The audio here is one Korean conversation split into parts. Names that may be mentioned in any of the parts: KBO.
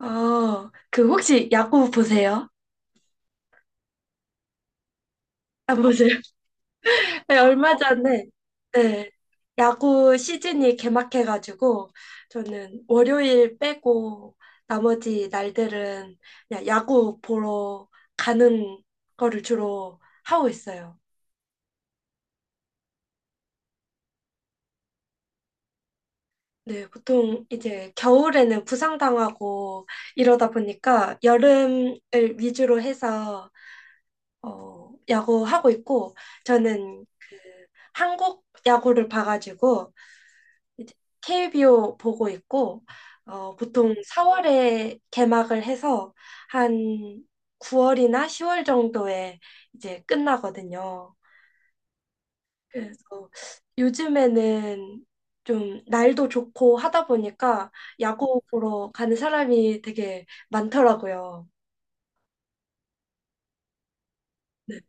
그 혹시 야구 보세요? 안 보세요? 네, 얼마 전에 네, 야구 시즌이 개막해가지고 저는 월요일 빼고 나머지 날들은 그냥 야구 보러 가는 거를 주로 하고 있어요. 네, 보통 이제 겨울에는 부상당하고 이러다 보니까 여름을 위주로 해서 야구 하고 있고 저는 그 한국 야구를 봐가지고 이제 KBO 보고 있고 보통 4월에 개막을 해서 한 9월이나 10월 정도에 이제 끝나거든요. 그래서 요즘에는 좀 날도 좋고 하다 보니까 야구 보러 가는 사람이 되게 많더라고요. 네.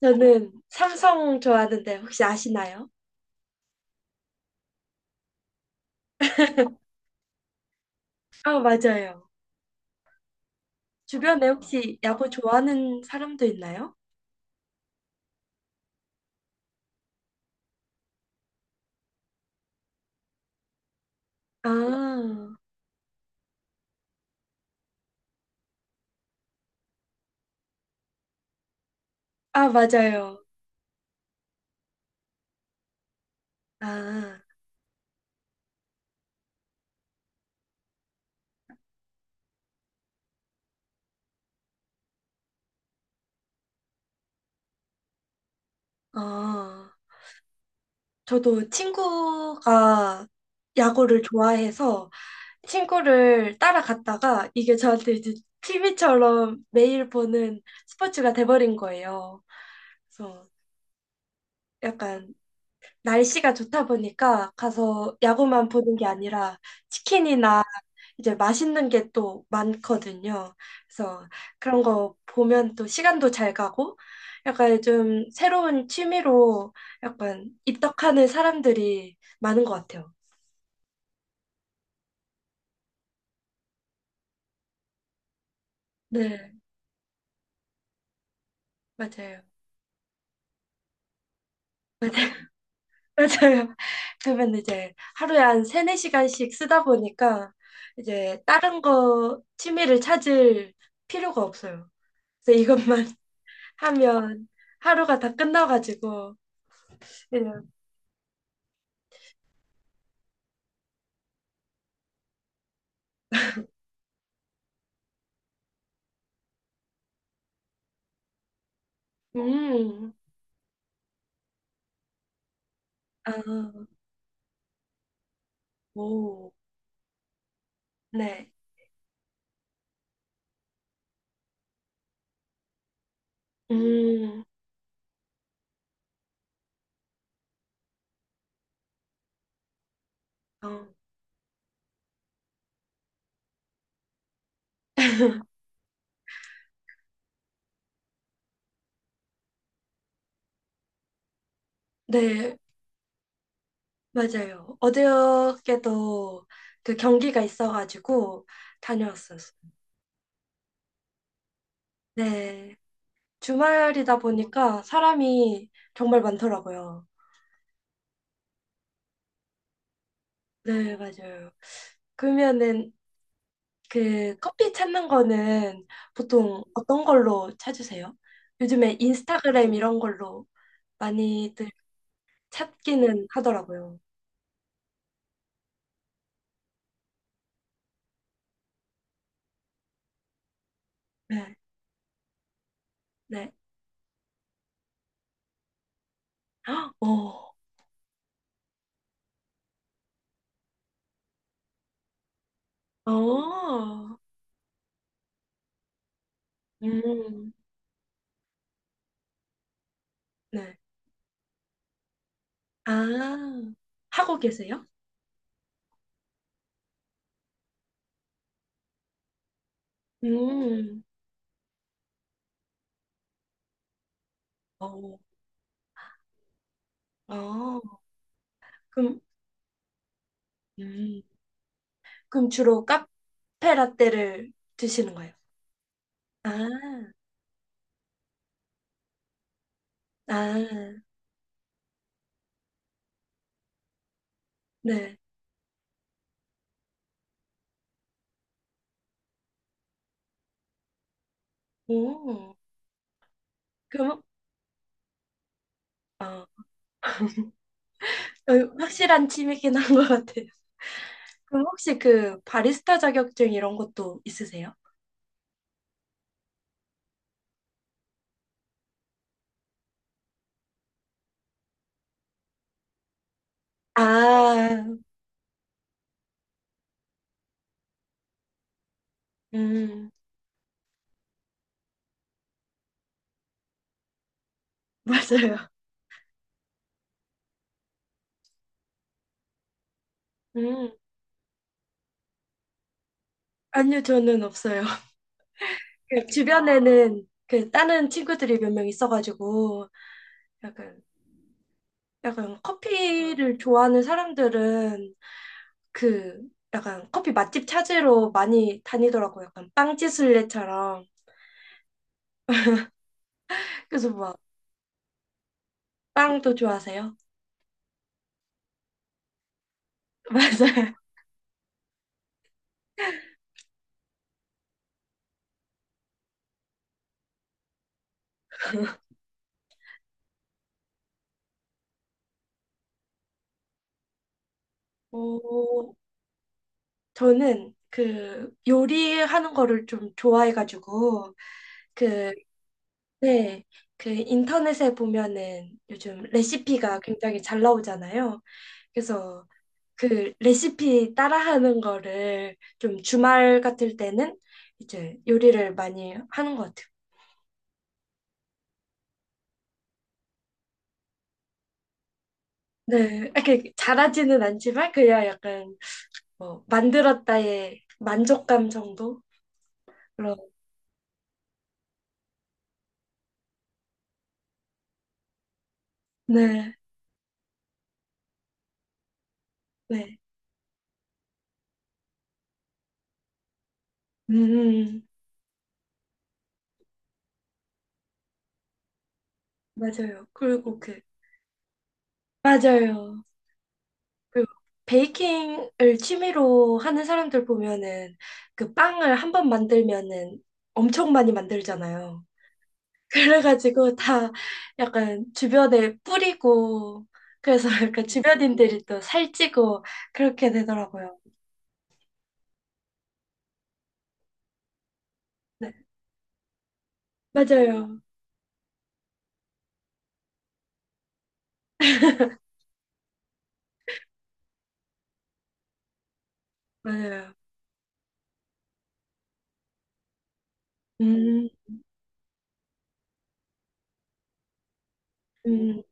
저는 삼성 좋아하는데 혹시 아시나요? 아, 맞아요. 주변에 혹시 야구 좋아하는 사람도 있나요? 아, 아, 맞아요. 아, 어, 저도 친구가 야구를 좋아해서 친구를 따라갔다가 이게 저한테 이제 TV처럼 매일 보는 스포츠가 돼버린 거예요. 그래서 약간 날씨가 좋다 보니까 가서 야구만 보는 게 아니라 치킨이나 이제 맛있는 게 또 많거든요. 그래서 그런 거 보면 또 시간도 잘 가고 약간 좀 새로운 취미로 약간 입덕하는 사람들이 많은 것 같아요. 네, 맞아요. 맞아요. 맞아요. 그러면 이제 하루에 한 세네 시간씩 쓰다 보니까 이제 다른 거 취미를 찾을 필요가 없어요. 그래서 이것만 하면 하루가 다 끝나가지고 그냥 음, 아, 오, 네, 음, 어, 네, 맞아요. 어저께도 그 경기가 있어가지고 다녀왔어요. 네, 주말이다 보니까 사람이 정말 많더라고요. 네, 맞아요. 그러면은 그 커피 찾는 거는 보통 어떤 걸로 찾으세요? 요즘에 인스타그램 이런 걸로 많이들 찾기는 하더라고요. 네, 네. 헉, 어, 어, 음, 네. 아, 하고 계세요? 음, 어, 어, 그럼, 음, 그럼 주로 카페 라떼를 드시는 거예요? 아, 아, 네. 오, 그럼, 어, 어, 확실한 취미긴 한 것 같아요. 그럼 혹시 그 바리스타 자격증 이런 것도 있으세요? 아, 음, 맞아요. 음, 아니요, 저는 없어요. 그 주변에는 그 다른 친구들이 몇 명 있어가지고 약간 약간 커피를 좋아하는 사람들은 그 약간 커피 맛집 찾으러 많이 다니더라고요. 약간 빵지순례처럼. 그래서 막 빵도 좋아하세요? 맞아요. 어, 저는 그 요리하는 거를 좀 좋아해가지고 그 네. 그 인터넷에 보면은 요즘 레시피가 굉장히 잘 나오잖아요. 그래서 그 레시피 따라하는 거를 좀 주말 같을 때는 이제 요리를 많이 하는 것 같아요. 네, 이렇게 잘하지는 않지만 그냥 약간 뭐 만들었다의 만족감 정도로. 네, 네, 음, 맞아요. 그리고 그 맞아요. 그 베이킹을 취미로 하는 사람들 보면은 그 빵을 한 번 만들면은 엄청 많이 만들잖아요. 그래가지고 다 약간 주변에 뿌리고 그래서 약간 주변인들이 또 살찌고 그렇게 되더라고요. 네. 맞아요. 맞아요. 음, 음.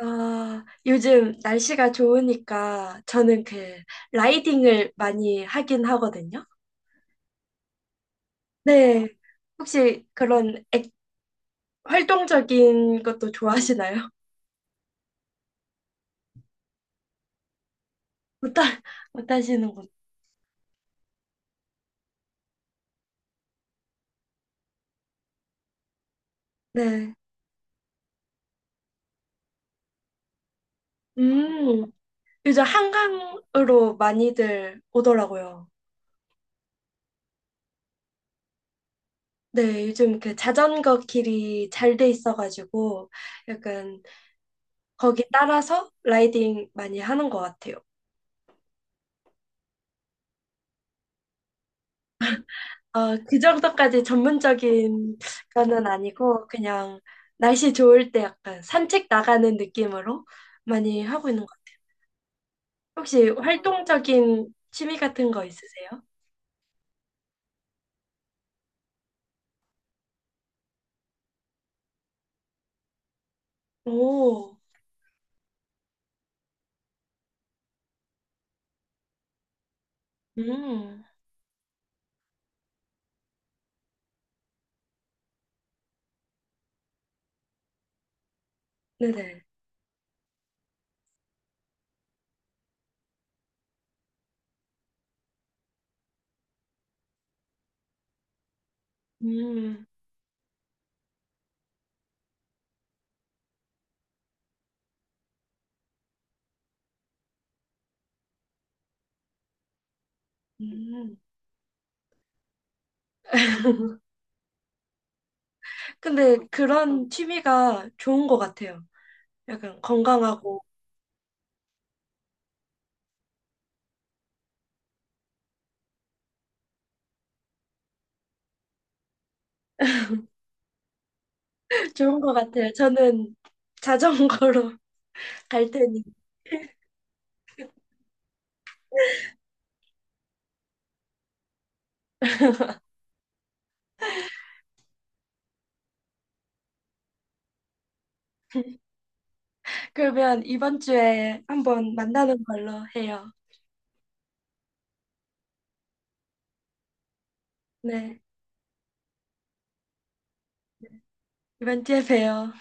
아, 요즘 날씨가 좋으니까 저는 그 라이딩을 많이 하긴 하거든요. 네. 혹시 그런 활동적인 것도 좋아하시나요? 못, 하, 못 하시는군. 네. 음. 요즘 한강으로 많이들 오더라고요. 네, 요즘 그 자전거 길이 잘 돼 있어가지고 약간 거기 따라서 라이딩 많이 하는 것 같아요. 그 정도까지 전문적인 거는 아니고 그냥 날씨 좋을 때 약간 산책 나가는 느낌으로 많이 하고 있는 것 같아요. 혹시 활동적인 취미 같은 거 있으세요? 오, 음, 네네. 음, 음. 근데 그런 취미가 좋은 것 같아요. 약간 건강하고 좋은 것 같아요. 저는 자전거로 갈 테니. 그러면 이번 주에 한번 만나는 걸로 해요. 네. 이번 주에 봬요.